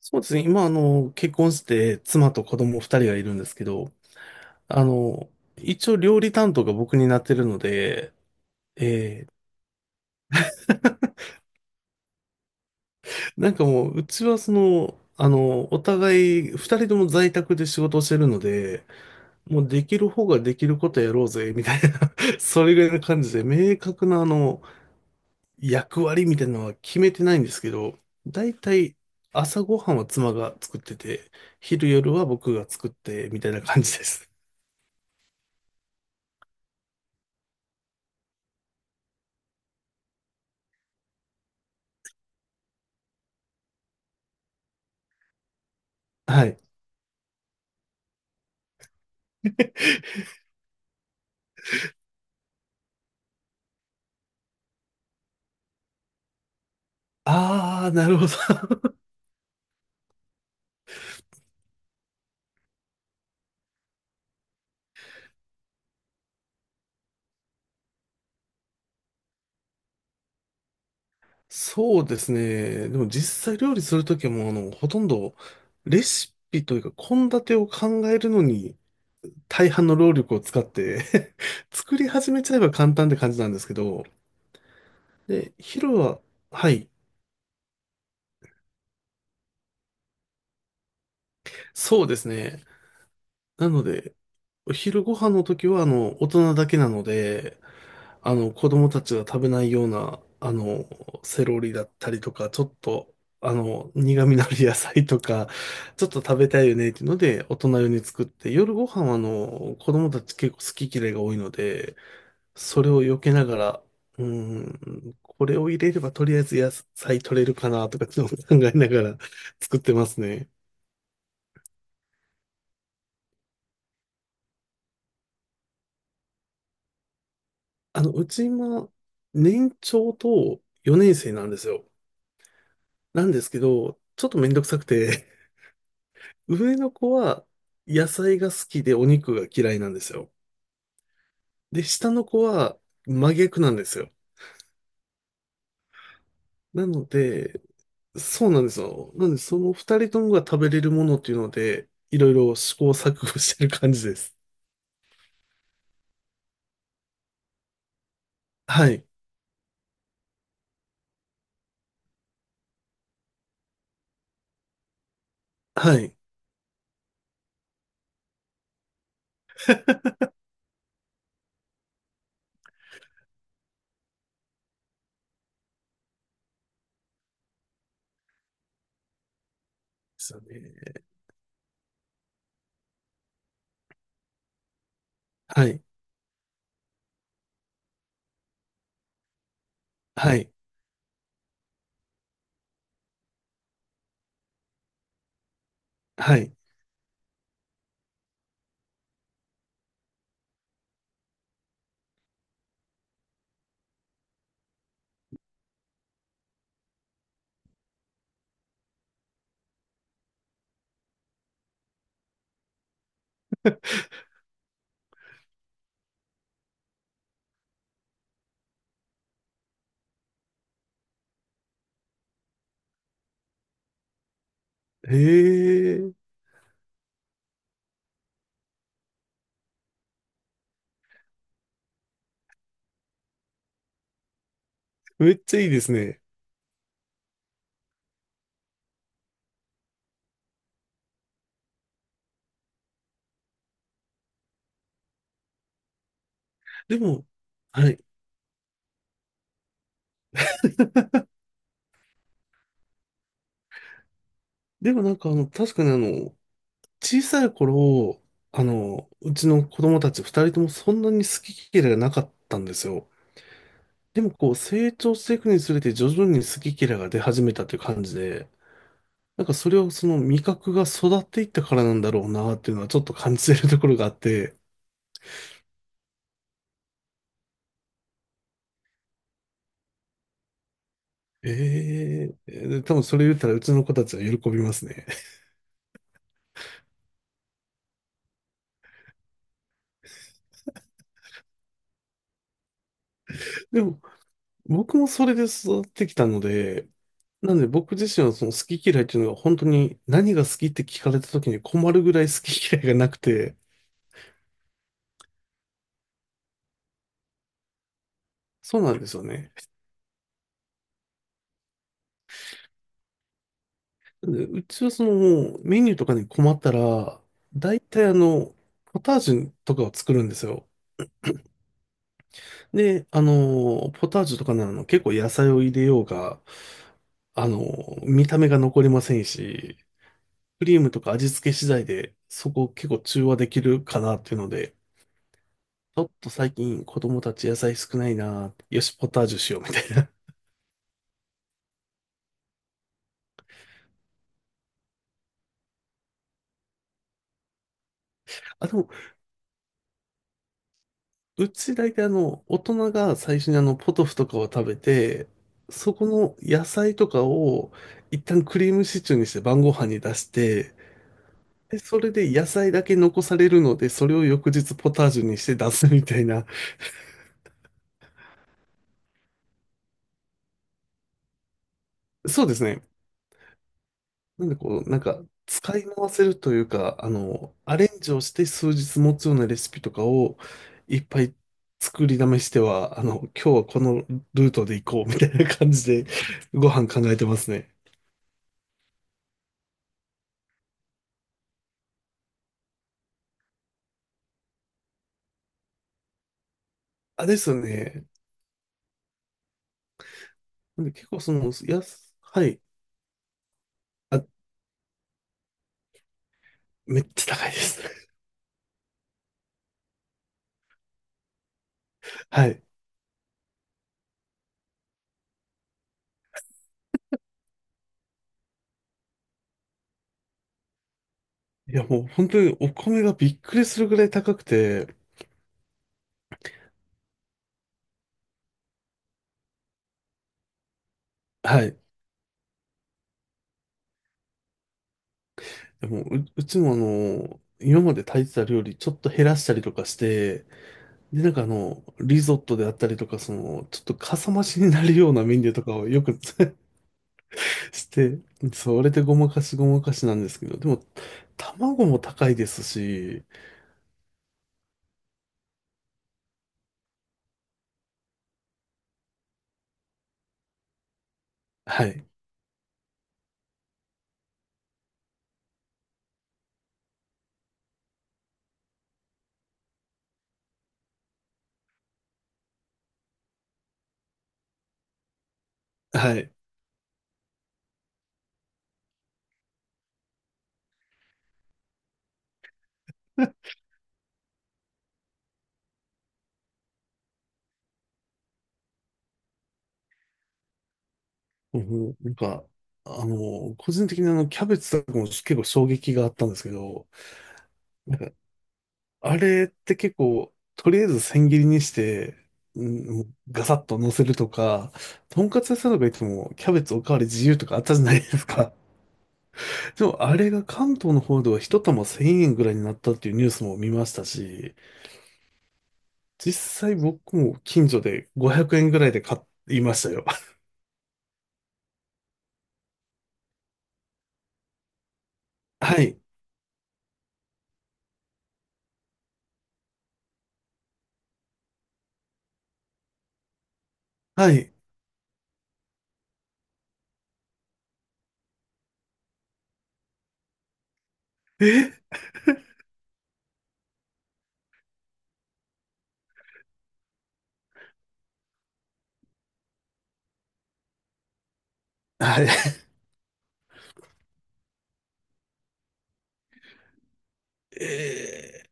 そうですね。今、結婚して、妻と子供二人がいるんですけど、あの、一応料理担当が僕になってるので、えー なんかもう、うちはその、お互い、二人とも在宅で仕事をしてるので、もうできる方ができることやろうぜ、みたいな それぐらいの感じで、明確な役割みたいなのは決めてないんですけど、だいたい朝ごはんは妻が作ってて、昼夜は僕が作って、みたいな感じです。はい。ああ、なるほど。そうですね。でも実際料理するときも、ほとんどレシピというか、献立を考えるのに、大半の労力を使って 作り始めちゃえば簡単って感じなんですけど、で、昼は、はい、そうですね。なので、お昼ご飯の時は、大人だけなので、子供たちが食べないような、セロリだったりとか、ちょっと、苦味のある野菜とか、ちょっと食べたいよねっていうので、大人用に作って、夜ご飯は、子供たち結構好き嫌いが多いので、それを避けながら、うーこれを入れればとりあえず野菜取れるかなとか、ちょっと 考えながら 作ってますね。うち今、年長と4年生なんですよ。なんですけど、ちょっとめんどくさくて上の子は野菜が好きでお肉が嫌いなんですよ。で、下の子は真逆なんですよ。なので、そうなんですよ。なので、その二人ともが食べれるものっていうので、いろいろ試行錯誤してる感じです。はい。はい。ですよね。はい。はい。はい。へえ、めっちゃいいですね。でも、はい。でもなんか確かに小さい頃、うちの子供たち二人ともそんなに好き嫌いがなかったんですよ。でもこう成長していくにつれて徐々に好き嫌いが出始めたという感じで、なんかそれをその味覚が育っていったからなんだろうなっていうのはちょっと感じてるところがあって、ええ多分それ言ったらうちの子たちは喜びますね。でも僕もそれで育ってきたので、なんで僕自身はその好き嫌いっていうのが本当に何が好きって聞かれた時に困るぐらい好き嫌いがなくて、そうなんですよね。でうちはそのもうメニューとかに困ったら、大体ポタージュとかを作るんですよ。で、ポタージュとかなの結構野菜を入れようが、あの、見た目が残りませんし、クリームとか味付け次第でそこ結構中和できるかなっていうので、ちょっと最近子供たち野菜少ないな、よし、ポタージュしようみたいな。あ、でもうち大体大人が最初にポトフとかを食べて、そこの野菜とかを一旦クリームシチューにして晩ご飯に出して、で、それで野菜だけ残されるので、それを翌日ポタージュにして出すみたいな。そうですね。なんでこう、なんか、使い回せるというか、アレンジをして数日持つようなレシピとかをいっぱい作りだめしては、今日はこのルートで行こうみたいな感じでご飯考えてますね。あ、ですよね。なんで結構その、はい。あ、めっちゃ高いです。はい。いや、もう本当にお米がびっくりするぐらい高くて、はい。でもう、うちも今まで炊いてた料理ちょっと減らしたりとかして、で、なんかリゾットであったりとか、その、ちょっとかさ増しになるようなメニューとかをよく して、それでごまかしごまかしなんですけど、でも、卵も高いですし、はい。はい。うんなんか、個人的にキャベツとかも結構衝撃があったんですけど、なんか、あれって結構、とりあえず千切りにして、うんガサッと乗せるとか、とんかつ屋さんとか行っても、キャベツおかわり自由とかあったじゃないですか。でも、あれが関東の方では一玉1000円ぐらいになったっていうニュースも見ましたし、実際僕も近所で500円ぐらいで買いましたよ。はい。はい。えはい。えー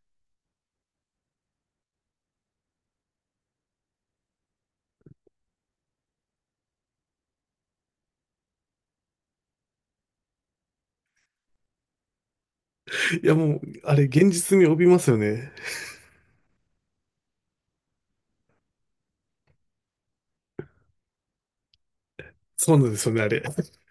いや、もう、あれ、現実味を帯びますよね。そうなんですよね、あれ。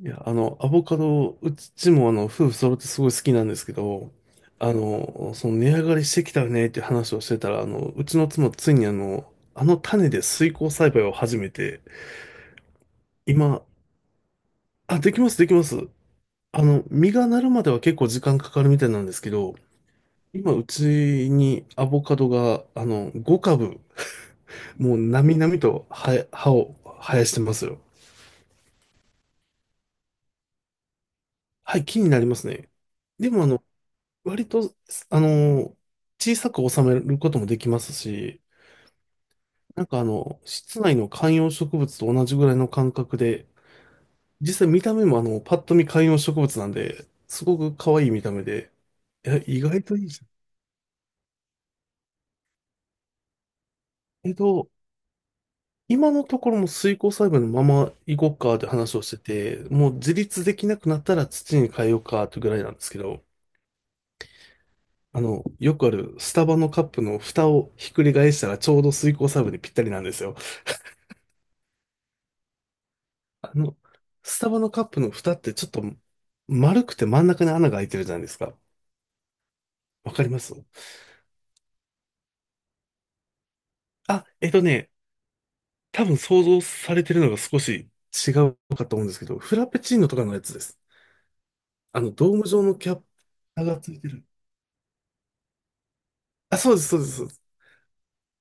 いや、アボカド、うちも夫婦揃ってすごい好きなんですけど、その値上がりしてきたよねって話をしてたら、うちの妻ついにあの種で水耕栽培を始めて、今、あ、できます、できます。実がなるまでは結構時間かかるみたいなんですけど、今、うちにアボカドが、5株、もう、なみなみと、葉を生やしてますよ。はい、気になりますね。でも、割と、あの、小さく収めることもできますし、なんか室内の観葉植物と同じぐらいの感覚で、実際見た目もパッと見観葉植物なんで、すごく可愛い見た目で、いや、意外といいじゃん。今のところも水耕栽培のまま行こうかって話をしてて、もう自立できなくなったら土に変えようかってぐらいなんですけど、よくあるスタバのカップの蓋をひっくり返したらちょうど水耕サーブにぴったりなんですよ。あの、スタバのカップの蓋ってちょっと丸くて真ん中に穴が開いてるじゃないですか。わかります？あ、多分想像されてるのが少し違うかと思うんですけど、フラペチーノとかのやつです。ドーム状のキャップがついてる。あ、そうです、そうです。そうです。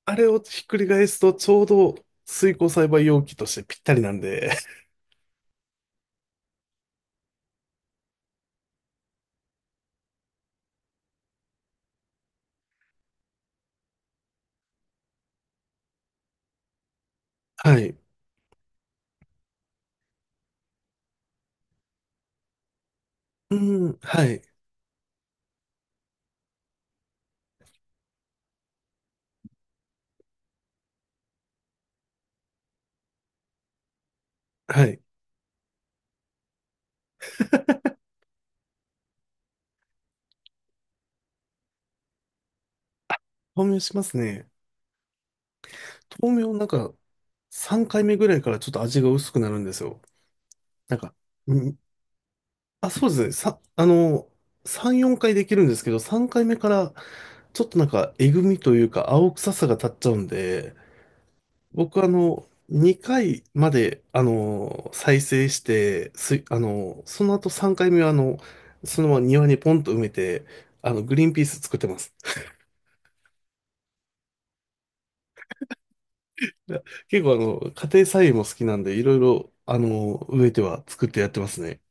あれをひっくり返すとちょうど水耕栽培容器としてぴったりなんで、はい。うん、はい、はい。豆苗しますね。豆苗なんか、3回目ぐらいからちょっと味が薄くなるんですよ。なんか、うん、あ、そうですね。3、4回できるんですけど、3回目からちょっとなんか、えぐみというか、青臭さが立っちゃうんで、僕2回まで、再生して、その後3回目はそのまま庭にポンと埋めて、グリーンピース作ってます。いや結構家庭菜園も好きなんで、いろいろ、植えては作ってやってますね。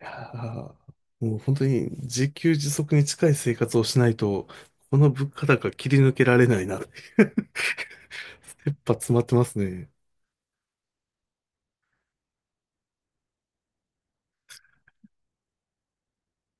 いやーもう本当に自給自足に近い生活をしないと、この物価高切り抜けられないなって。切羽詰まってますね。